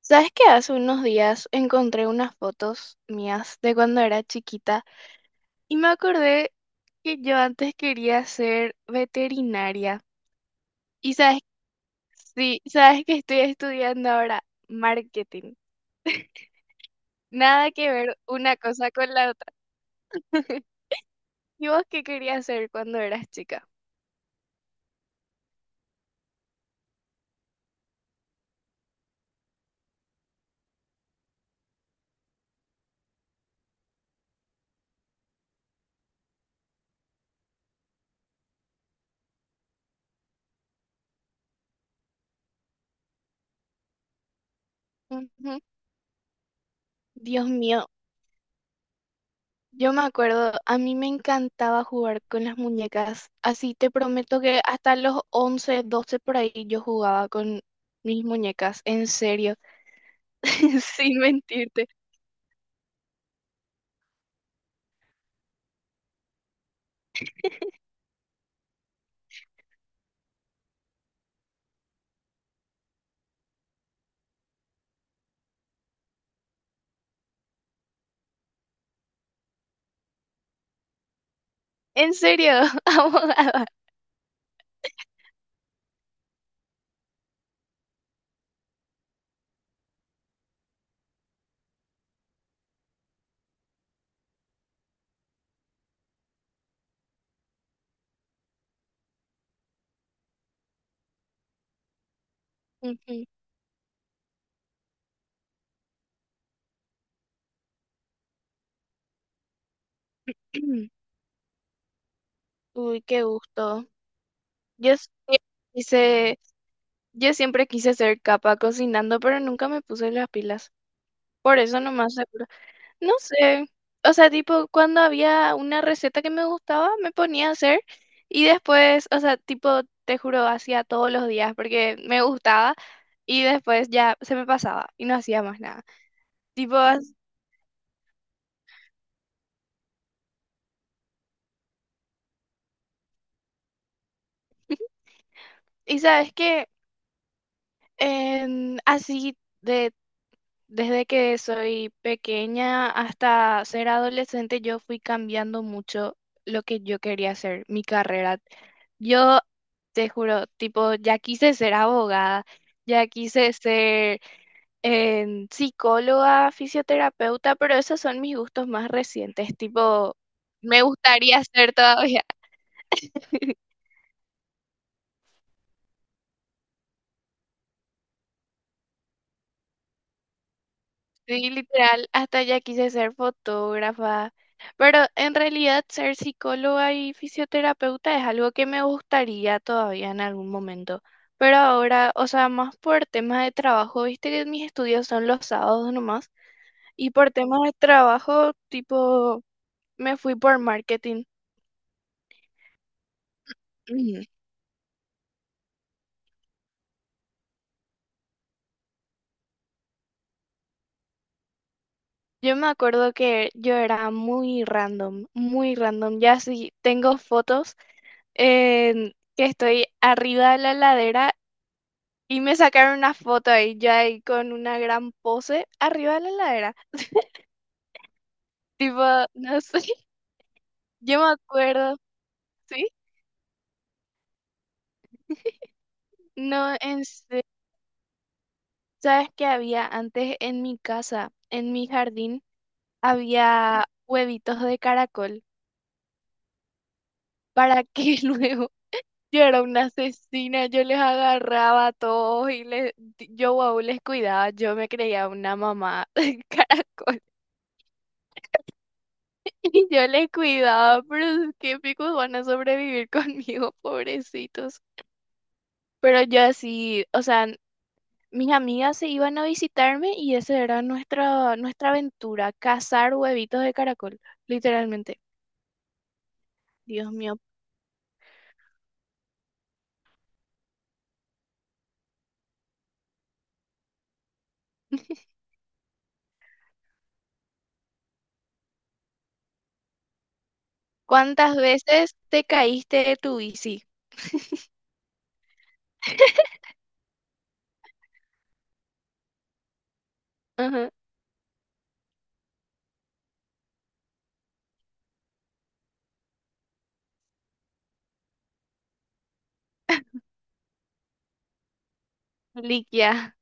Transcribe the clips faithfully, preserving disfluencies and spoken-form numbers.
¿Sabes qué? Hace unos días encontré unas fotos mías de cuando era chiquita y me acordé que yo antes quería ser veterinaria. Y sabes, sí, sabes que estoy estudiando ahora marketing. Nada que ver una cosa con la otra. ¿Y vos qué querías ser cuando eras chica? Ujú. Dios mío, yo me acuerdo, a mí me encantaba jugar con las muñecas. Así te prometo que hasta los once, doce por ahí yo jugaba con mis muñecas, en serio, sin mentirte. En serio, abogada. Ujú. Uy, qué gusto. Yo siempre quise, yo siempre quise ser capa cocinando, pero nunca me puse las pilas. Por eso nomás seguro. No sé, o sea, tipo, cuando había una receta que me gustaba, me ponía a hacer y después, o sea, tipo, te juro, hacía todos los días porque me gustaba y después ya se me pasaba y no hacía más nada. Tipo, as- y sabes que así de desde que soy pequeña hasta ser adolescente, yo fui cambiando mucho lo que yo quería hacer, mi carrera. Yo te juro, tipo, ya quise ser abogada, ya quise ser em, psicóloga, fisioterapeuta, pero esos son mis gustos más recientes, tipo, me gustaría ser todavía. Sí, literal, hasta ya quise ser fotógrafa, pero en realidad ser psicóloga y fisioterapeuta es algo que me gustaría todavía en algún momento, pero ahora, o sea, más por temas de trabajo, viste que mis estudios son los sábados nomás, y por temas de trabajo, tipo, me fui por marketing. Ujú. Yo me acuerdo que yo era muy random, muy random, ya sí, tengo fotos en que estoy arriba de la ladera y me sacaron una foto ahí, ya ahí con una gran pose arriba de la heladera. Tipo, no sé, yo me acuerdo, ¿sí? No, en serio, ¿sabes qué había antes en mi casa, en mi jardín? Había huevitos de caracol para que luego yo era una asesina, yo les agarraba a todos y les, yo wow, les cuidaba, yo me creía una mamá caracol. Y yo le cuidaba, pero es que picos van a sobrevivir conmigo, pobrecitos. Pero yo así, o sea, mis amigas se iban a visitarme y esa era nuestra, nuestra aventura, cazar huevitos de caracol, literalmente. Dios mío, ¿cuántas veces te caíste de tu bici? Ajá, Liquia.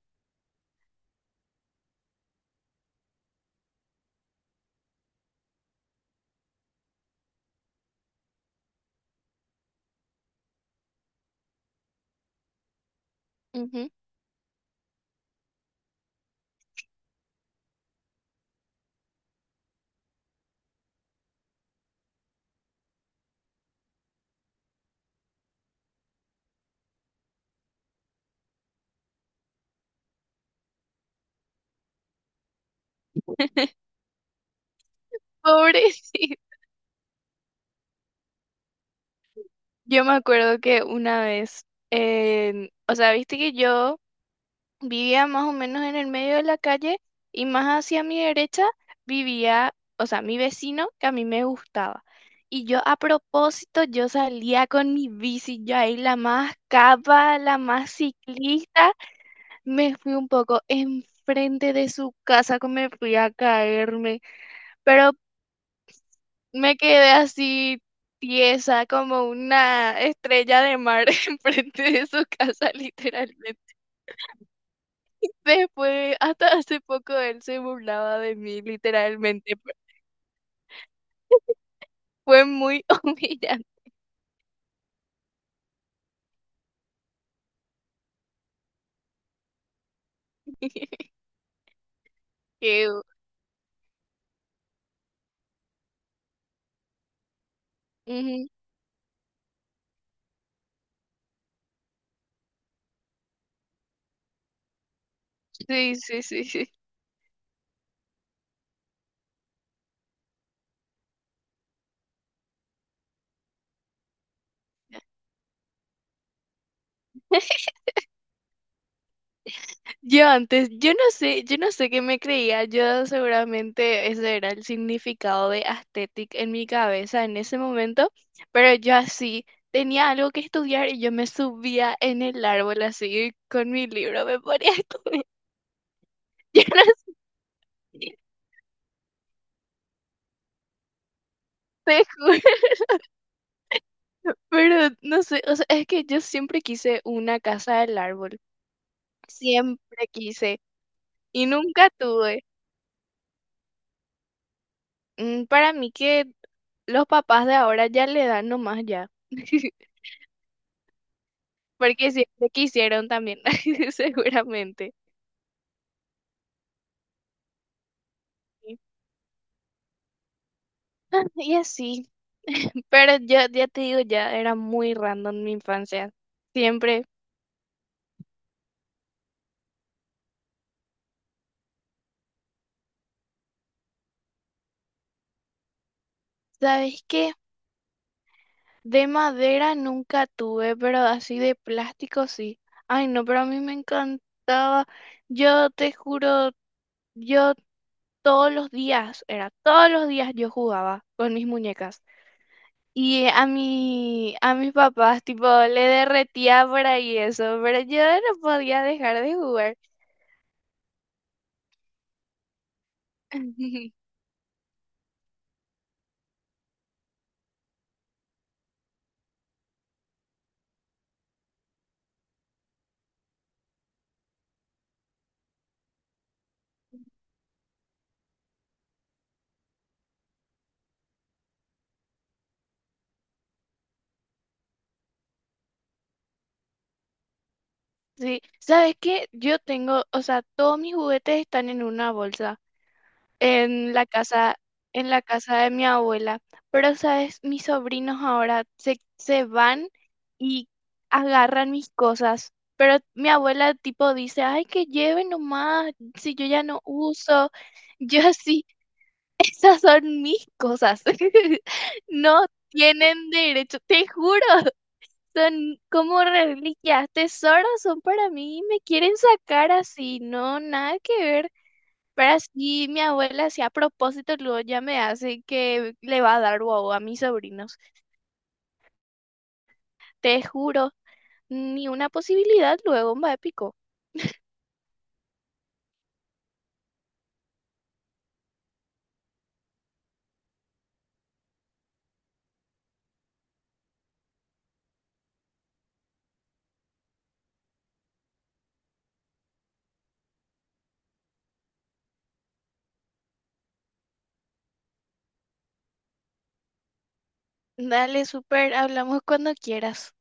Ujú. Pobrecito. Yo me acuerdo que una vez, en- o sea, viste que yo vivía más o menos en el medio de la calle y más hacia mi derecha vivía, o sea, mi vecino que a mí me gustaba. Y yo a propósito, yo salía con mi bici, yo ahí la más capa, la más ciclista, me fui un poco enfrente de su casa, que me fui a caerme, pero me quedé así tiesa como una estrella de mar enfrente de su casa, literalmente. Después, hasta hace poco él se burlaba de mí, literalmente. Fue muy humillante. Qué u- Ujú. Sí, sí, sí, sí. Yo antes, yo no sé, yo no sé qué me creía. Yo seguramente ese era el significado de aesthetic en mi cabeza en ese momento, pero yo así tenía algo que estudiar y yo me subía en el árbol así con mi libro, me ponía a estudiar. Yo no sé, te juro. Pero no sé, o sea, es que yo siempre quise una casa del árbol, siempre quise y nunca tuve. Mm, para mí que los papás de ahora ya le dan nomás ya, porque siempre quisieron también, seguramente. Ah, y así, pero yo ya te digo, ya era muy random mi infancia, siempre. ¿Sabes qué? De madera nunca tuve, pero así de plástico sí. Ay, no, pero a mí me encantaba. Yo te juro, yo todos los días, era todos los días yo jugaba con mis muñecas. Y eh, a mi, a mis papás, tipo, le derretía por ahí eso, pero yo no podía dejar de jugar. Sí, ¿sabes qué? Yo tengo, o sea, todos mis juguetes están en una bolsa, en la casa, en la casa de mi abuela. Pero, ¿sabes? Mis sobrinos ahora se, se van y agarran mis cosas. Pero mi abuela tipo dice, ay, que lleven nomás, si yo ya no uso. Yo así, esas son mis cosas. No tienen derecho, te juro, son como reliquias, tesoros son para mí me quieren sacar así. No, nada que ver. Pero así mi abuela, si a propósito, luego ya me hace que le va a dar guau a mis sobrinos. Te juro, ni una posibilidad luego, va épico. Dale, súper, hablamos cuando quieras.